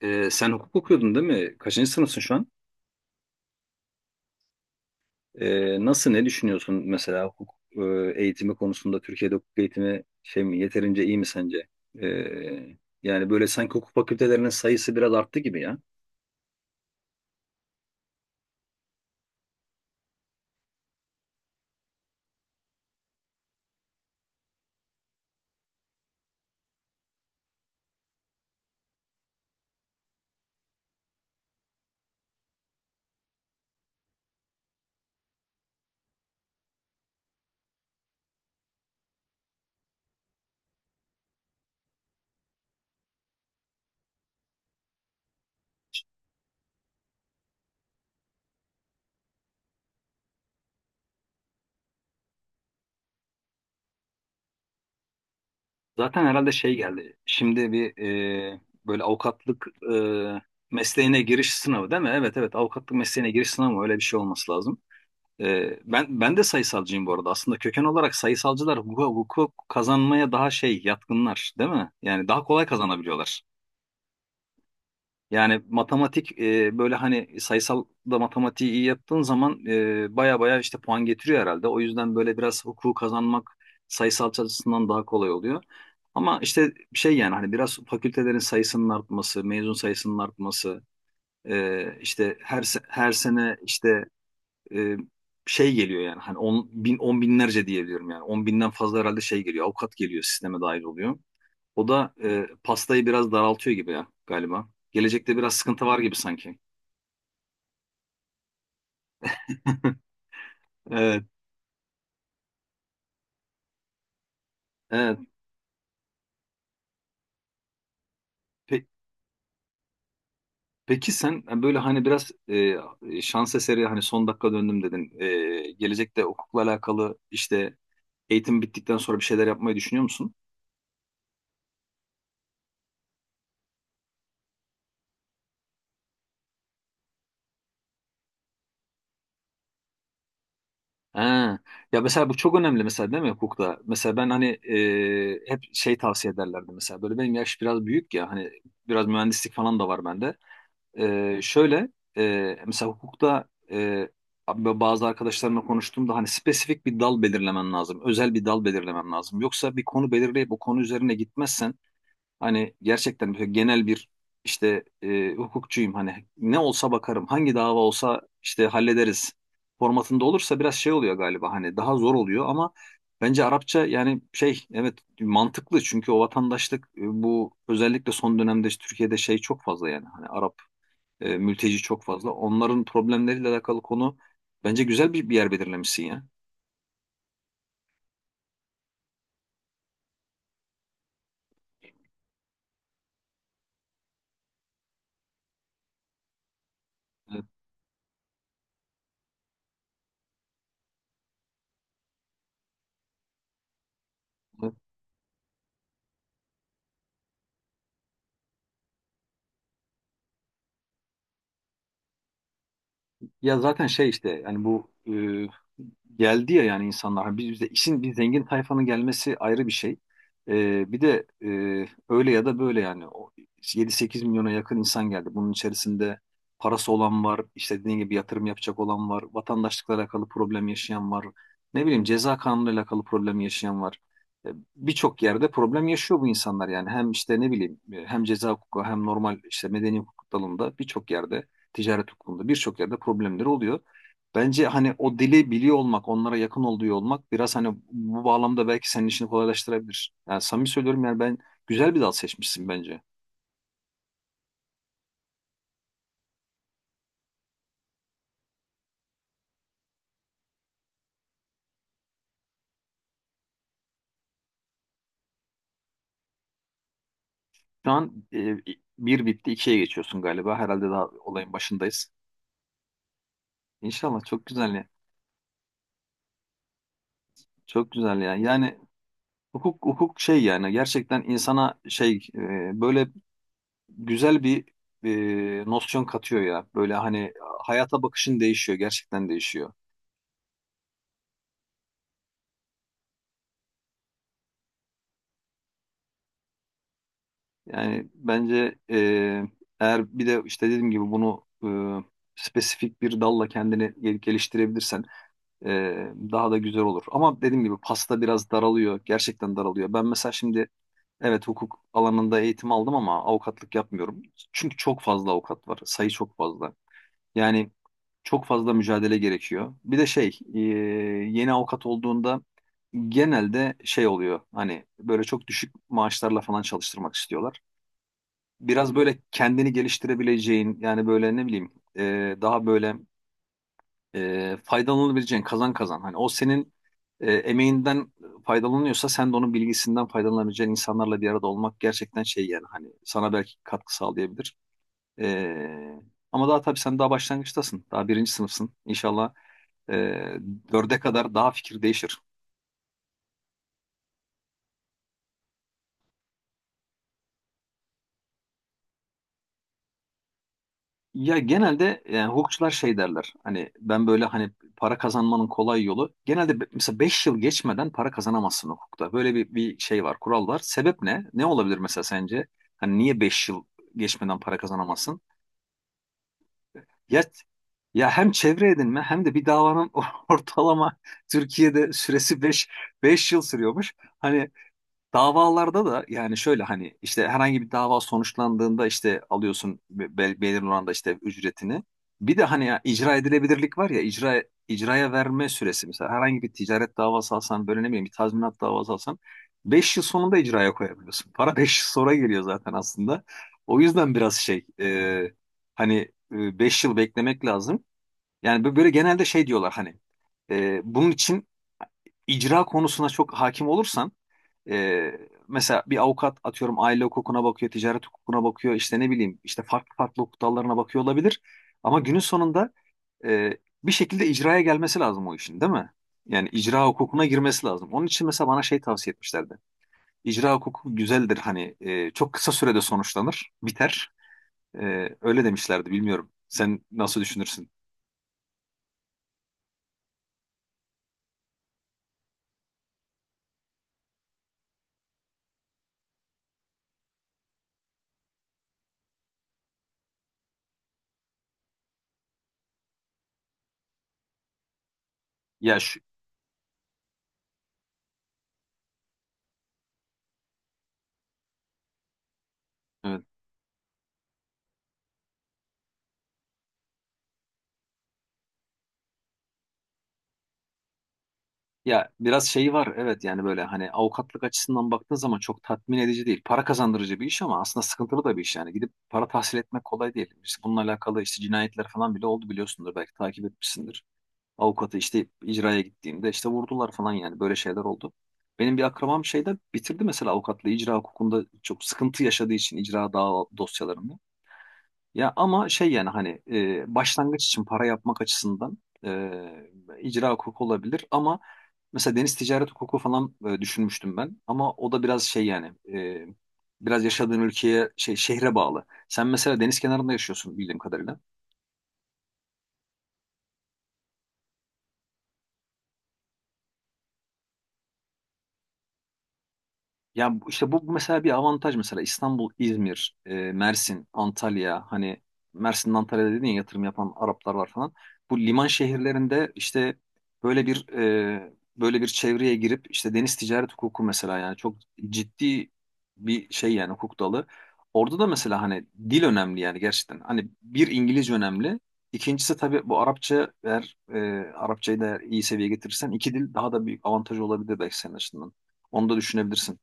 Sen hukuk okuyordun, değil mi? Kaçıncı sınıfsın şu an? Nasıl, ne düşünüyorsun mesela hukuk eğitimi konusunda? Türkiye'de hukuk eğitimi şey mi, yeterince iyi mi sence? Ee, Yani böyle sanki hukuk fakültelerinin sayısı biraz arttı gibi ya. Zaten herhalde şey geldi. Şimdi bir e, böyle avukatlık e, mesleğine giriş sınavı değil mi? Evet, evet, avukatlık mesleğine giriş sınavı öyle bir şey olması lazım. Ben de sayısalcıyım bu arada. Aslında köken olarak sayısalcılar hukuka, hukuk kazanmaya daha şey yatkınlar, değil mi? Yani daha kolay kazanabiliyorlar. Yani matematik böyle hani sayısal da matematiği iyi yaptığın zaman baya baya işte puan getiriyor herhalde. O yüzden böyle biraz hukuku kazanmak sayısal açısından daha kolay oluyor. Ama işte şey, yani hani biraz fakültelerin sayısının artması, mezun sayısının artması, işte her sene işte e, şey geliyor, yani hani on, bin, on binlerce diyebiliyorum yani. 10.000'den fazla herhalde şey geliyor. Avukat geliyor, sisteme dahil oluyor. O da pastayı biraz daraltıyor gibi ya galiba. Gelecekte biraz sıkıntı var gibi sanki. Evet, evet. Pe- peki sen böyle hani biraz şans eseri, hani son dakika döndüm dedin. Gelecekte hukukla alakalı, işte eğitim bittikten sonra bir şeyler yapmayı düşünüyor musun? Ha. Ya mesela bu çok önemli mesela, değil mi hukukta? Mesela ben hani hep şey tavsiye ederlerdi mesela. Böyle benim yaş biraz büyük ya, hani biraz mühendislik falan da var bende. Şöyle mesela hukukta e, abi, bazı arkadaşlarımla konuştuğumda hani spesifik bir dal belirlemen lazım. Özel bir dal belirlemen lazım. Yoksa bir konu belirleyip bu konu üzerine gitmezsen, hani gerçekten böyle genel bir işte hukukçuyum, hani ne olsa bakarım, hangi dava olsa işte hallederiz formatında olursa biraz şey oluyor galiba, hani daha zor oluyor. Ama bence Arapça, yani şey, evet, mantıklı, çünkü o vatandaşlık bu özellikle son dönemde işte Türkiye'de şey çok fazla, yani hani Arap mülteci çok fazla, onların problemleriyle alakalı konu, bence güzel bir yer belirlemişsin ya. Evet. Ya zaten şey işte, yani bu e, geldi ya, yani insanlar biz bize işin, bir zengin tayfanın gelmesi ayrı bir şey. Bir de öyle ya da böyle yani o 7-8 milyona yakın insan geldi. Bunun içerisinde parası olan var, işte dediğin gibi yatırım yapacak olan var, vatandaşlıkla alakalı problem yaşayan var. Ne bileyim, ceza kanunuyla alakalı problem yaşayan var. E, Birçok yerde problem yaşıyor bu insanlar, yani hem işte ne bileyim hem ceza hukuku, hem normal işte medeni hukuk dalında birçok yerde, ticaret hukukunda birçok yerde problemleri oluyor. Bence hani o dili biliyor olmak, onlara yakın olduğu olmak biraz hani bu bağlamda belki senin işini kolaylaştırabilir. Yani samimi söylüyorum, yani ben güzel bir dal seçmişsin bence. Şu an bir bitti, ikiye geçiyorsun galiba. Herhalde daha olayın başındayız. İnşallah çok güzel ya. Çok güzel ya. Yani hukuk şey yani gerçekten insana şey, böyle güzel bir nosyon katıyor ya. Böyle hani hayata bakışın değişiyor, gerçekten değişiyor. Yani bence eğer bir de işte dediğim gibi bunu spesifik bir dalla kendini geliştirebilirsen e, daha da güzel olur. Ama dediğim gibi pasta biraz daralıyor. Gerçekten daralıyor. Ben mesela şimdi, evet, hukuk alanında eğitim aldım ama avukatlık yapmıyorum. Çünkü çok fazla avukat var. Sayı çok fazla. Yani çok fazla mücadele gerekiyor. Bir de şey, yeni avukat olduğunda genelde şey oluyor. Hani böyle çok düşük maaşlarla falan çalıştırmak istiyorlar, biraz böyle kendini geliştirebileceğin, yani böyle ne bileyim daha böyle faydalanabileceğin, kazan kazan. Hani o senin emeğinden faydalanıyorsa, sen de onun bilgisinden faydalanabileceğin insanlarla bir arada olmak gerçekten şey, yani hani sana belki katkı sağlayabilir. E, Ama daha tabii sen daha başlangıçtasın. Daha birinci sınıfsın. İnşallah e, dörde kadar daha fikir değişir. Ya genelde yani hukukçular şey derler. Hani ben böyle hani, para kazanmanın kolay yolu. Genelde mesela 5 yıl geçmeden para kazanamazsın hukukta. Böyle bir şey var, kural var. Sebep ne? Ne olabilir mesela sence? Hani niye 5 yıl geçmeden para kazanamazsın? Ya ya hem çevre edinme, hem de bir davanın ortalama Türkiye'de süresi beş yıl sürüyormuş. Hani davalarda da yani şöyle, hani işte herhangi bir dava sonuçlandığında işte alıyorsun belirli oranda işte ücretini. Bir de hani ya icra edilebilirlik var, ya icraya verme süresi, mesela herhangi bir ticaret davası alsan, böyle ne bileyim bir tazminat davası alsan 5 yıl sonunda icraya koyabiliyorsun. Para 5 yıl sonra geliyor zaten aslında. O yüzden biraz şey, hani 5 yıl beklemek lazım. Yani böyle genelde şey diyorlar, hani bunun için icra konusuna çok hakim olursan e, mesela bir avukat, atıyorum, aile hukukuna bakıyor, ticaret hukukuna bakıyor, işte ne bileyim işte farklı farklı hukuk dallarına bakıyor olabilir. Ama günün sonunda e, bir şekilde icraya gelmesi lazım o işin, değil mi? Yani icra hukukuna girmesi lazım. Onun için mesela bana şey tavsiye etmişlerdi. İcra hukuku güzeldir, hani çok kısa sürede sonuçlanır, biter. Öyle demişlerdi, bilmiyorum. Sen nasıl düşünürsün? Ya şu, evet. Ya biraz şeyi var, evet, yani böyle hani avukatlık açısından baktığın zaman çok tatmin edici değil. Para kazandırıcı bir iş ama aslında sıkıntılı da bir iş yani. Gidip para tahsil etmek kolay değil. İşte bununla alakalı işte cinayetler falan bile oldu, biliyorsundur, belki takip etmişsindir. Avukatı işte icraya gittiğinde işte vurdular falan, yani böyle şeyler oldu. Benim bir akrabam şeyde bitirdi mesela avukatlığı, icra hukukunda çok sıkıntı yaşadığı için icra dava dosyalarında. Ya ama şey, yani hani başlangıç için para yapmak açısından e, icra hukuku olabilir, ama mesela deniz ticaret hukuku falan düşünmüştüm ben, ama o da biraz şey yani biraz yaşadığın ülkeye şey, şehre bağlı. Sen mesela deniz kenarında yaşıyorsun bildiğim kadarıyla. Ya işte bu mesela bir avantaj, mesela İstanbul, İzmir, Mersin, Antalya, hani Mersin'den Antalya'da dedin ya, yatırım yapan Araplar var falan. Bu liman şehirlerinde işte böyle bir böyle bir çevreye girip işte deniz ticaret hukuku mesela, yani çok ciddi bir şey yani, hukuk dalı. Orada da mesela hani dil önemli, yani gerçekten. Hani bir, İngilizce önemli. İkincisi tabii bu Arapça, eğer Arapçayı da eğer iyi seviyeye getirirsen, iki dil daha da büyük avantaj olabilir belki senin açısından. Onu da düşünebilirsin.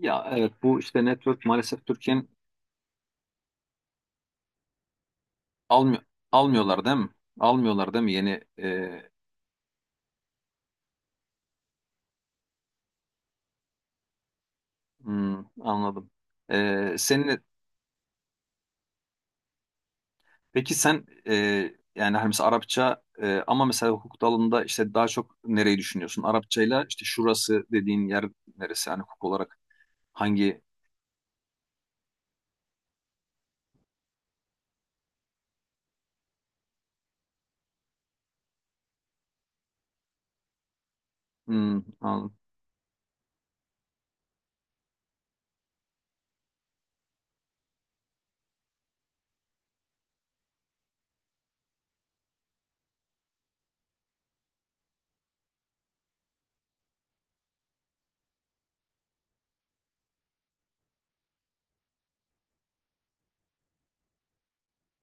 Ya evet, bu işte network, maalesef Türkiye'nin almıyor almıyorlar değil mi? Almıyorlar değil mi? Yeni hmm, anladım. E, senin peki sen yani hani mesela Arapça, ama mesela hukuk dalında işte daha çok nereyi düşünüyorsun? Arapçayla işte şurası dediğin yer neresi? Yani hukuk olarak hangi. Hmm, anladım.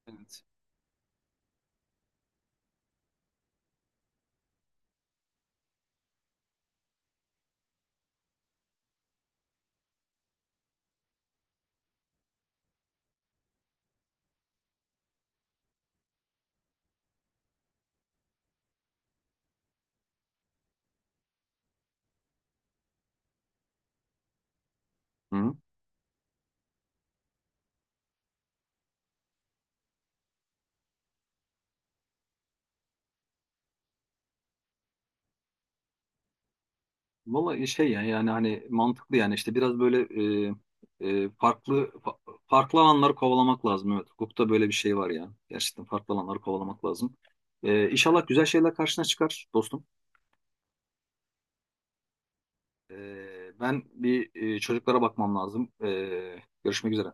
Evet. Valla şey yani, yani hani mantıklı, yani işte biraz böyle e, e, farklı fa- farklı alanları kovalamak lazım. Evet, hukukta böyle bir şey var ya. Gerçekten farklı alanları kovalamak lazım. İnşallah güzel şeyler karşına çıkar, dostum. E, Ben bir çocuklara bakmam lazım. Görüşmek üzere.